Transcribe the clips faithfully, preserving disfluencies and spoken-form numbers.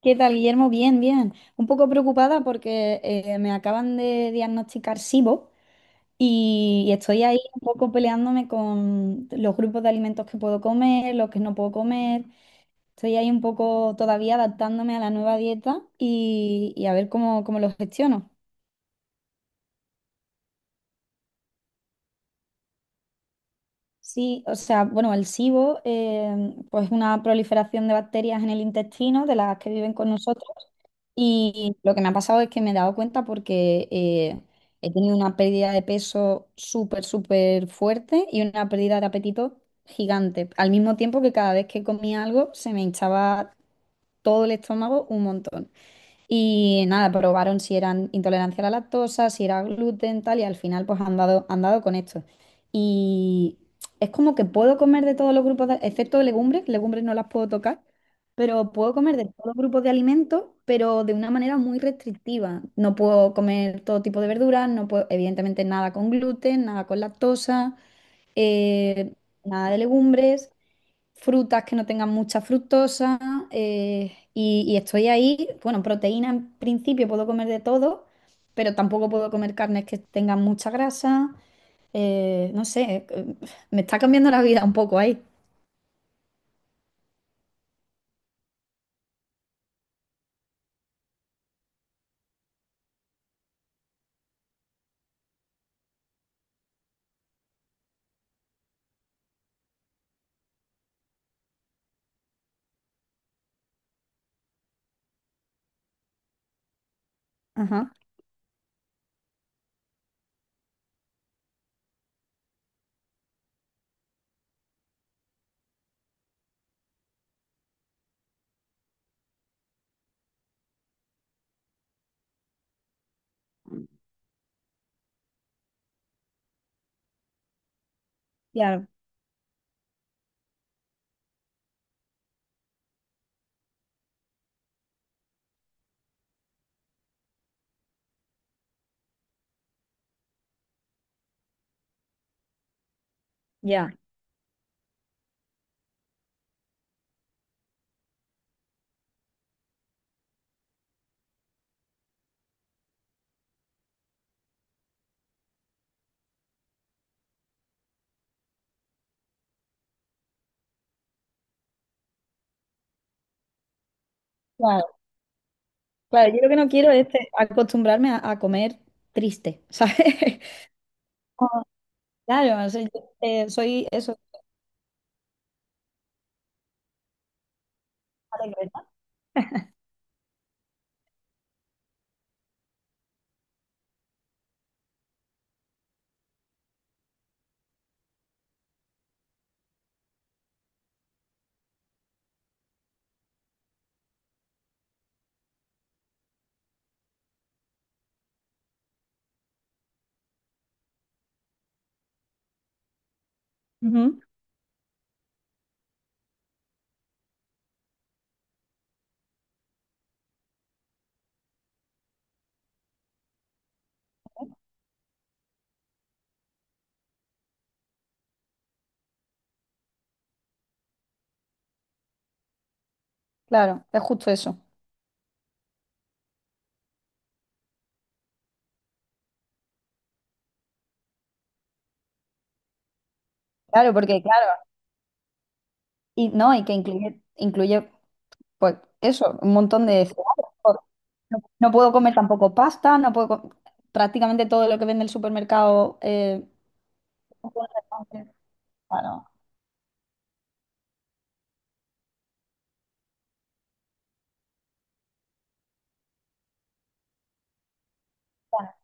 ¿Qué tal, Guillermo? Bien, bien. Un poco preocupada porque eh, me acaban de diagnosticar S I B O y, y estoy ahí un poco peleándome con los grupos de alimentos que puedo comer, los que no puedo comer. Estoy ahí un poco todavía adaptándome a la nueva dieta y, y a ver cómo, cómo lo gestiono. Sí, o sea, bueno, el S I B O eh, pues es una proliferación de bacterias en el intestino, de las que viven con nosotros. Y lo que me ha pasado es que me he dado cuenta porque eh, he tenido una pérdida de peso súper, súper fuerte y una pérdida de apetito gigante. Al mismo tiempo que cada vez que comía algo se me hinchaba todo el estómago un montón. Y nada, probaron si eran intolerancia a la lactosa, si era gluten, tal, y al final pues han dado, han dado con esto. Y es como que puedo comer de todos los grupos, de- excepto de legumbres, legumbres no las puedo tocar, pero puedo comer de todos los grupos de alimentos, pero de una manera muy restrictiva. No puedo comer todo tipo de verduras, no puedo, evidentemente nada con gluten, nada con lactosa, eh, nada de legumbres, frutas que no tengan mucha fructosa, eh, y, y estoy ahí. Bueno, proteína en principio puedo comer de todo, pero tampoco puedo comer carnes que tengan mucha grasa. Eh, no sé, eh, me está cambiando la vida un poco ahí. Ajá, claro, ya. Claro, claro, yo lo que no quiero es eh, acostumbrarme a, a comer triste, ¿sabes? Como, claro, o sea, yo, eh, soy eso, alegre, ¿no? Ujú, claro, es justo eso. Claro, porque claro, y no, y que incluye, incluye pues eso, un montón de cereales. No, no puedo comer tampoco pasta, no puedo co- prácticamente todo lo que vende el supermercado. Eh, claro. Claro.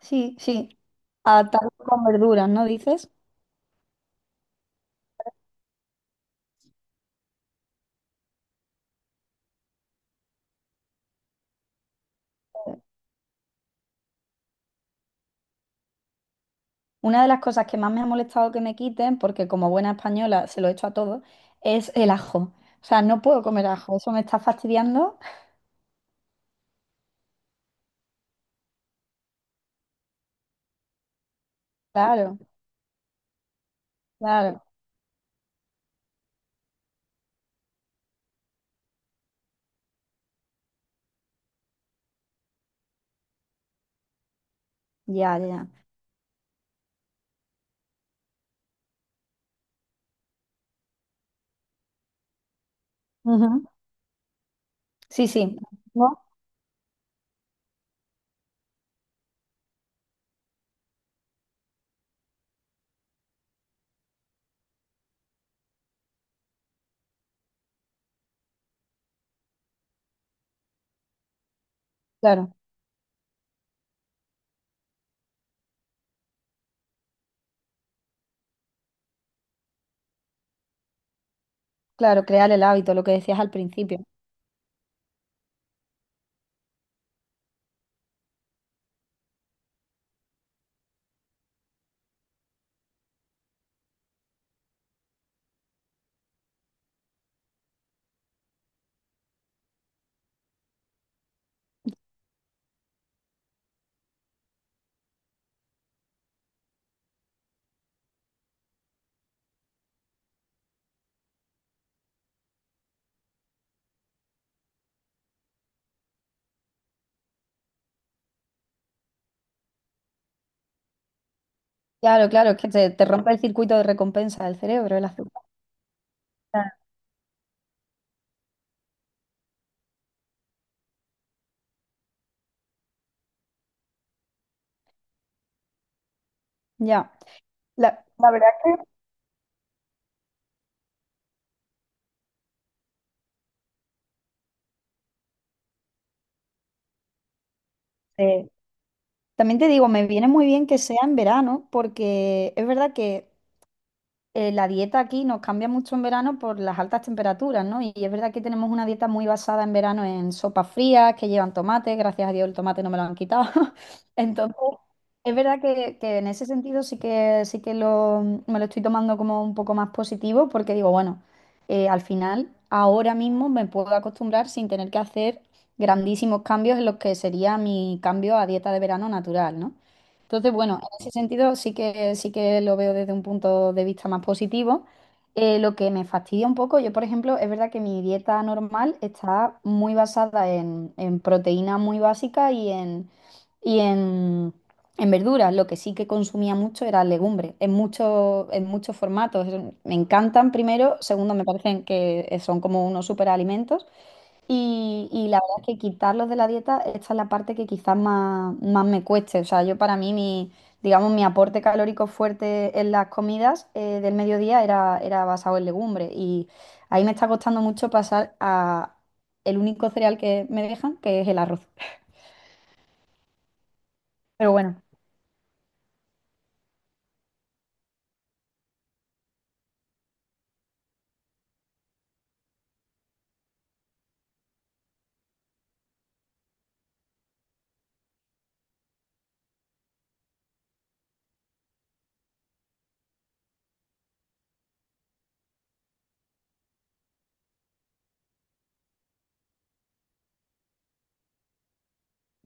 Sí, sí. Atado con verduras, ¿no dices? Una de las cosas que más me ha molestado que me quiten, porque como buena española se lo echo a todos, es el ajo. O sea, no puedo comer ajo, eso me está fastidiando. Claro, claro, ya, ya. Ya. Ujú. Sí, sí. ¿No? Claro, claro, crear el hábito, lo que decías al principio. Claro, claro, es que te, te rompe el circuito de recompensa del cerebro, el azúcar. Ya. Ya. La, la verdad que eh, también te digo, me viene muy bien que sea en verano, porque es verdad que eh, la dieta aquí nos cambia mucho en verano por las altas temperaturas, ¿no? Y es verdad que tenemos una dieta muy basada en verano en sopas frías que llevan tomate, gracias a Dios el tomate no me lo han quitado. Entonces, es verdad que, que en ese sentido sí que, sí que lo, me lo estoy tomando como un poco más positivo porque digo, bueno, eh, al final ahora mismo me puedo acostumbrar sin tener que hacer grandísimos cambios en lo que sería mi cambio a dieta de verano natural, ¿no? Entonces, bueno, en ese sentido sí que, sí que lo veo desde un punto de vista más positivo. Eh, lo que me fastidia un poco, yo por ejemplo, es verdad que mi dieta normal está muy basada en, en proteína muy básica y en, y en, en verduras. Lo que sí que consumía mucho era legumbres, en, mucho- en muchos formatos. Es- Me encantan primero, segundo, me parecen que son como unos superalimentos. Y, y la verdad es que quitarlos de la dieta, esta es la parte que quizás más, más me cueste. O sea, yo para mí, mi, digamos, mi aporte calórico fuerte en las comidas eh, del mediodía era, era basado en legumbres. Y ahí me está costando mucho pasar a el único cereal que me dejan, que es el arroz. Pero bueno,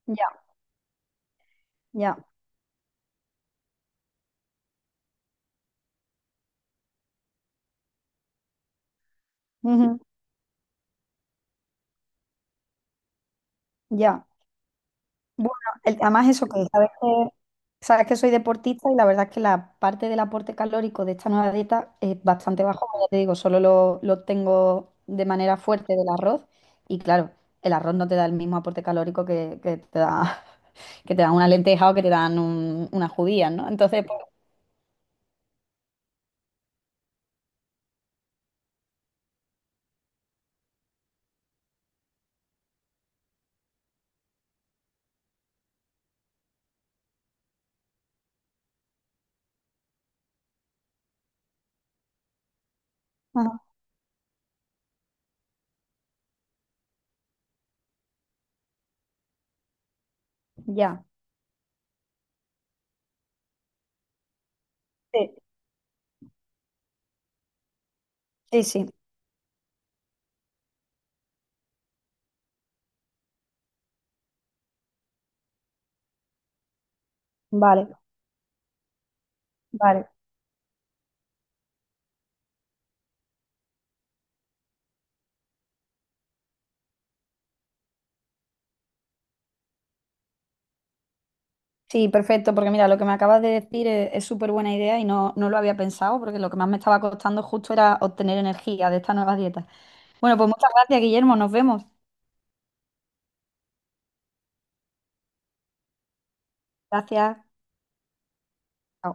ya, ya, ujú, ya. Bueno, el- además eso que sabes que sabes que soy deportista y la verdad es que la parte del aporte calórico de esta nueva dieta es bastante bajo, como ya te digo, solo lo, lo tengo de manera fuerte del arroz y claro, el arroz no te da el mismo aporte calórico que, que te da que te dan una lenteja o que te dan un- unas judías, ¿no? Entonces, pues, ajá, ya. Sí, sí, sí. Vale, vale. Sí, perfecto, porque mira, lo que me acabas de decir es súper buena idea y no, no lo había pensado, porque lo que más me estaba costando justo era obtener energía de esta nueva dieta. Bueno, pues muchas gracias, Guillermo, nos vemos. Gracias.